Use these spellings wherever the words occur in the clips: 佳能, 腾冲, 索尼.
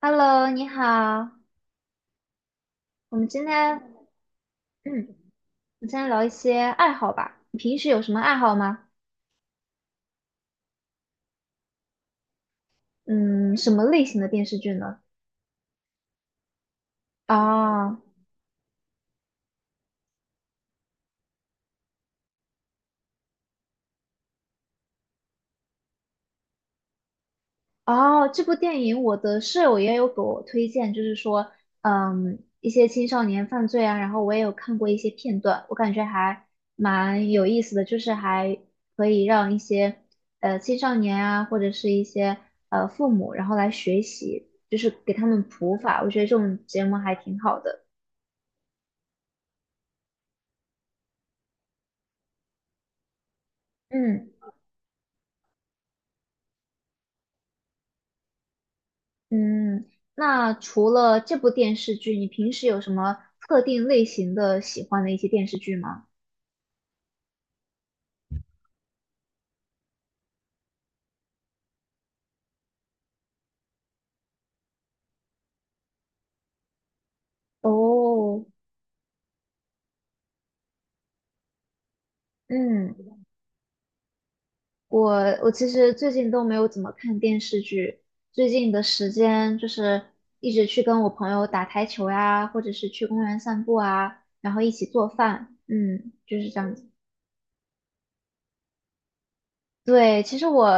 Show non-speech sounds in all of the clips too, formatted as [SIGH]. Hello，你好，我们今天，嗯，我们今天聊一些爱好吧。你平时有什么爱好吗？嗯，什么类型的电视剧呢？啊哦，这部电影我的舍友也有给我推荐，就是说，嗯，一些青少年犯罪啊，然后我也有看过一些片段，我感觉还蛮有意思的，就是还可以让一些青少年啊，或者是一些父母，然后来学习，就是给他们普法，我觉得这种节目还挺好的。嗯嗯，那除了这部电视剧，你平时有什么特定类型的喜欢的一些电视剧吗？哦，嗯，我我其实最近都没有怎么看电视剧，最近的时间就是一直去跟我朋友打台球呀，或者是去公园散步啊，然后一起做饭，嗯，就是这样子。对，其实我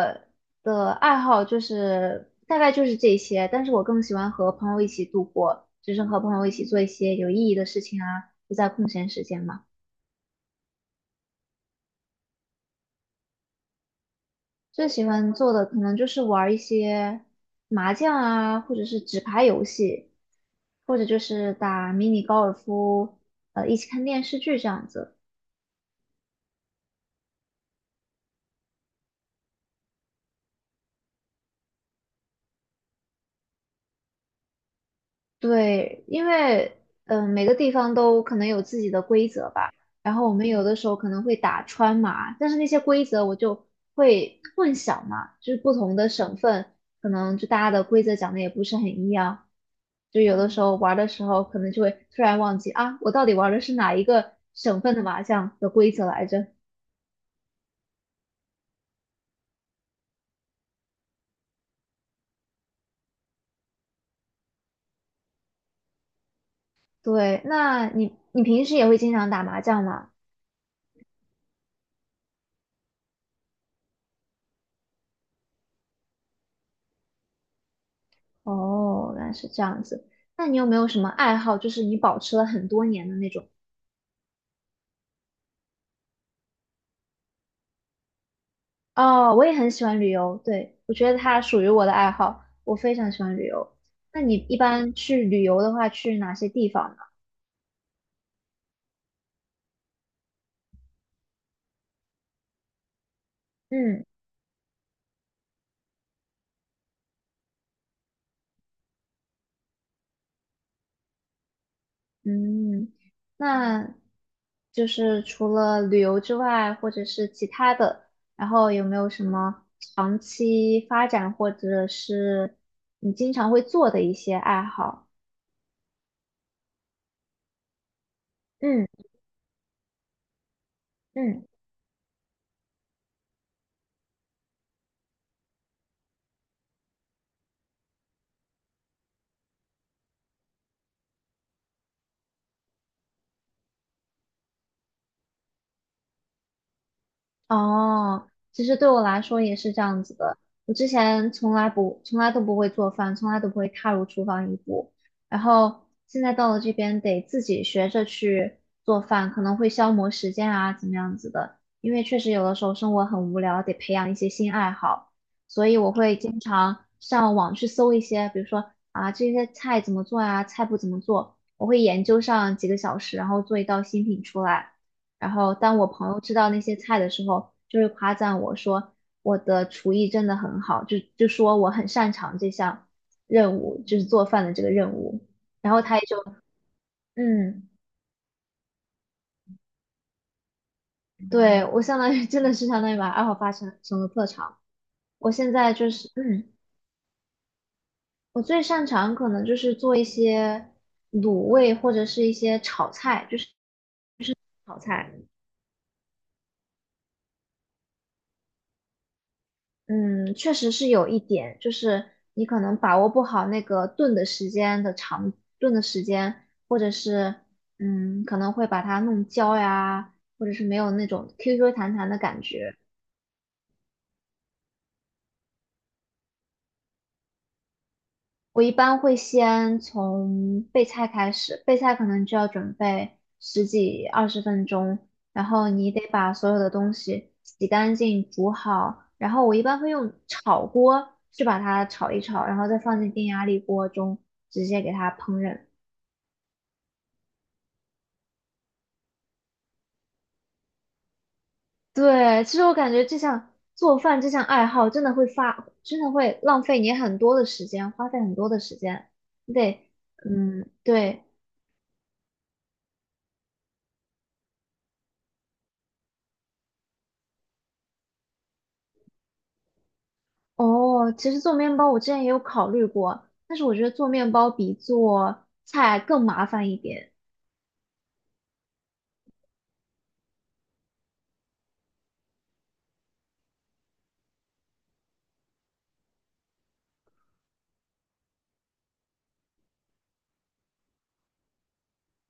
的爱好就是大概就是这些，但是我更喜欢和朋友一起度过，就是和朋友一起做一些有意义的事情啊，就在空闲时间嘛。最喜欢做的可能就是玩儿一些麻将啊，或者是纸牌游戏，或者就是打迷你高尔夫，一起看电视剧这样子。对，因为每个地方都可能有自己的规则吧。然后我们有的时候可能会打川麻，但是那些规则我就会混淆嘛，就是不同的省份可能就大家的规则讲的也不是很一样，就有的时候玩儿的时候可能就会突然忘记啊，我到底玩儿的是哪一个省份的麻将的规则来着？对，那你平时也会经常打麻将吗？哦，原来是这样子。那你有没有什么爱好，就是你保持了很多年的那种？哦，我也很喜欢旅游，对，我觉得它属于我的爱好，我非常喜欢旅游。那你一般去旅游的话，去哪些地方呢？嗯嗯，那就是除了旅游之外，或者是其他的，然后有没有什么长期发展，或者是你经常会做的一些爱好？嗯嗯。哦，其实对我来说也是这样子的。我之前从来不，从来都不会做饭，从来都不会踏入厨房一步。然后现在到了这边，得自己学着去做饭，可能会消磨时间啊，怎么样子的。因为确实有的时候生活很无聊，得培养一些新爱好。所以我会经常上网去搜一些，比如说啊，这些菜怎么做呀，菜谱怎么做，我会研究上几个小时，然后做一道新品出来。然后当我朋友知道那些菜的时候，就会夸赞我说我的厨艺真的很好，就说我很擅长这项任务，就是做饭的这个任务。然后他也就嗯，对，我相当于 [LAUGHS] 真的是相当于把爱好发成成了特长。我现在就是嗯，我最擅长可能就是做一些卤味或者是一些炒菜，就是炒菜。嗯，确实是有一点，就是你可能把握不好那个炖的时间的长，炖的时间，或者是嗯，可能会把它弄焦呀，或者是没有那种 QQ 弹弹的感觉。我一般会先从备菜开始，备菜可能就要准备十几二十分钟，然后你得把所有的东西洗干净、煮好，然后我一般会用炒锅去把它炒一炒，然后再放进电压力锅中直接给它烹饪。对，其实我感觉这项做饭这项爱好真的会发，真的会浪费你很多的时间，花费很多的时间，你得，嗯，对。哦，其实做面包我之前也有考虑过，但是我觉得做面包比做菜更麻烦一点。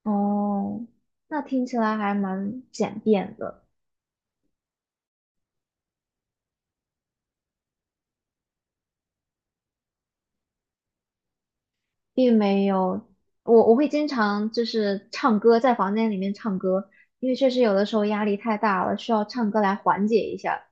哦，那听起来还蛮简便的，并没有我会经常就是唱歌，在房间里面唱歌，因为确实有的时候压力太大了，需要唱歌来缓解一下。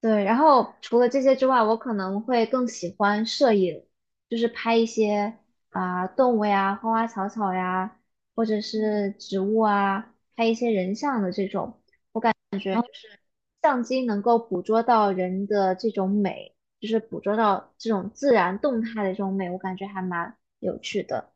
对，然后除了这些之外，我可能会更喜欢摄影，就是拍一些啊、动物呀、花花草草呀，或者是植物啊，拍一些人像的这种。然对，后相机能够捕捉到人的这种美，就是捕捉到这种自然动态的这种美，我感觉还蛮有趣的。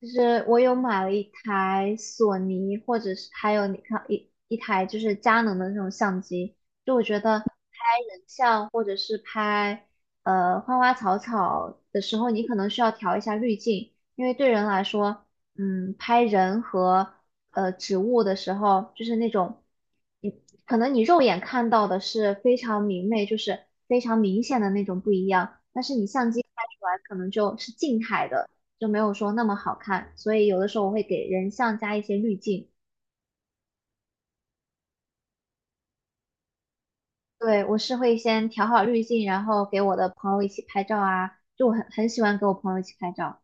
就是我有买了一台索尼，或者是还有你看一台就是佳能的那种相机，就我觉得拍人像或者是拍花花草草的时候，你可能需要调一下滤镜，因为对人来说，嗯，拍人和植物的时候，就是那种你可能你肉眼看到的是非常明媚，就是非常明显的那种不一样，但是你相机拍出来可能就是静态的。就没有说那么好看，所以有的时候我会给人像加一些滤镜。对，我是会先调好滤镜，然后给我的朋友一起拍照啊，就我很喜欢给我朋友一起拍照。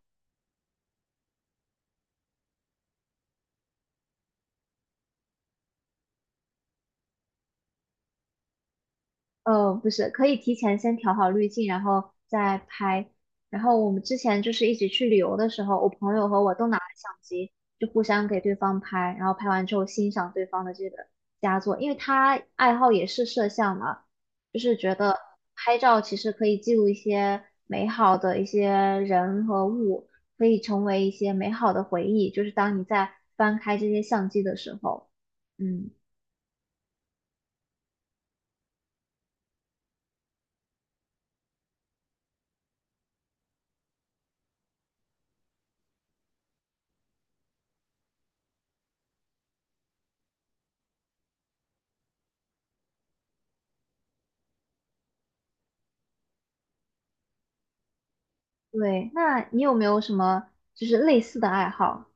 不是，可以提前先调好滤镜，然后再拍。然后我们之前就是一起去旅游的时候，我朋友和我都拿了相机，就互相给对方拍，然后拍完之后欣赏对方的这个佳作，因为他爱好也是摄像嘛，就是觉得拍照其实可以记录一些美好的一些人和物，可以成为一些美好的回忆，就是当你在翻开这些相机的时候，嗯。对，那你有没有什么就是类似的爱好？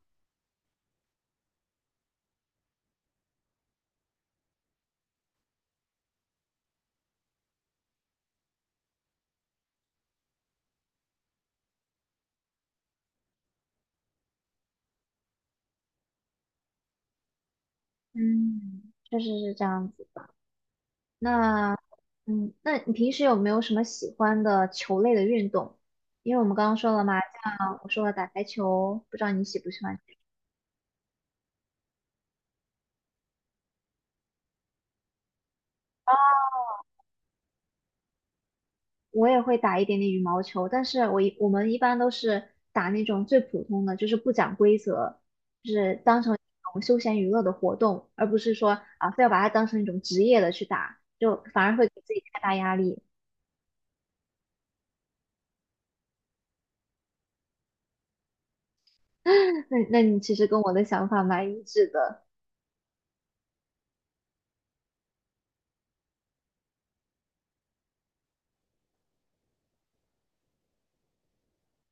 嗯，确实是这样子的。那，嗯，那你平时有没有什么喜欢的球类的运动？因为我们刚刚说了嘛，像我说了打台球，不知道你喜不喜欢？我也会打一点点羽毛球，但是我们一般都是打那种最普通的，就是不讲规则，就是当成一种休闲娱乐的活动，而不是说啊非要把它当成一种职业的去打，就反而会给自己太大压力。[LAUGHS] 那你其实跟我的想法蛮一致的，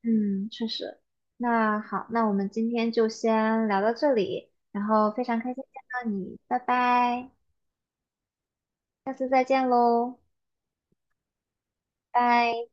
嗯，确实。那好，那我们今天就先聊到这里，然后非常开心见到你，拜拜，下次再见喽，拜。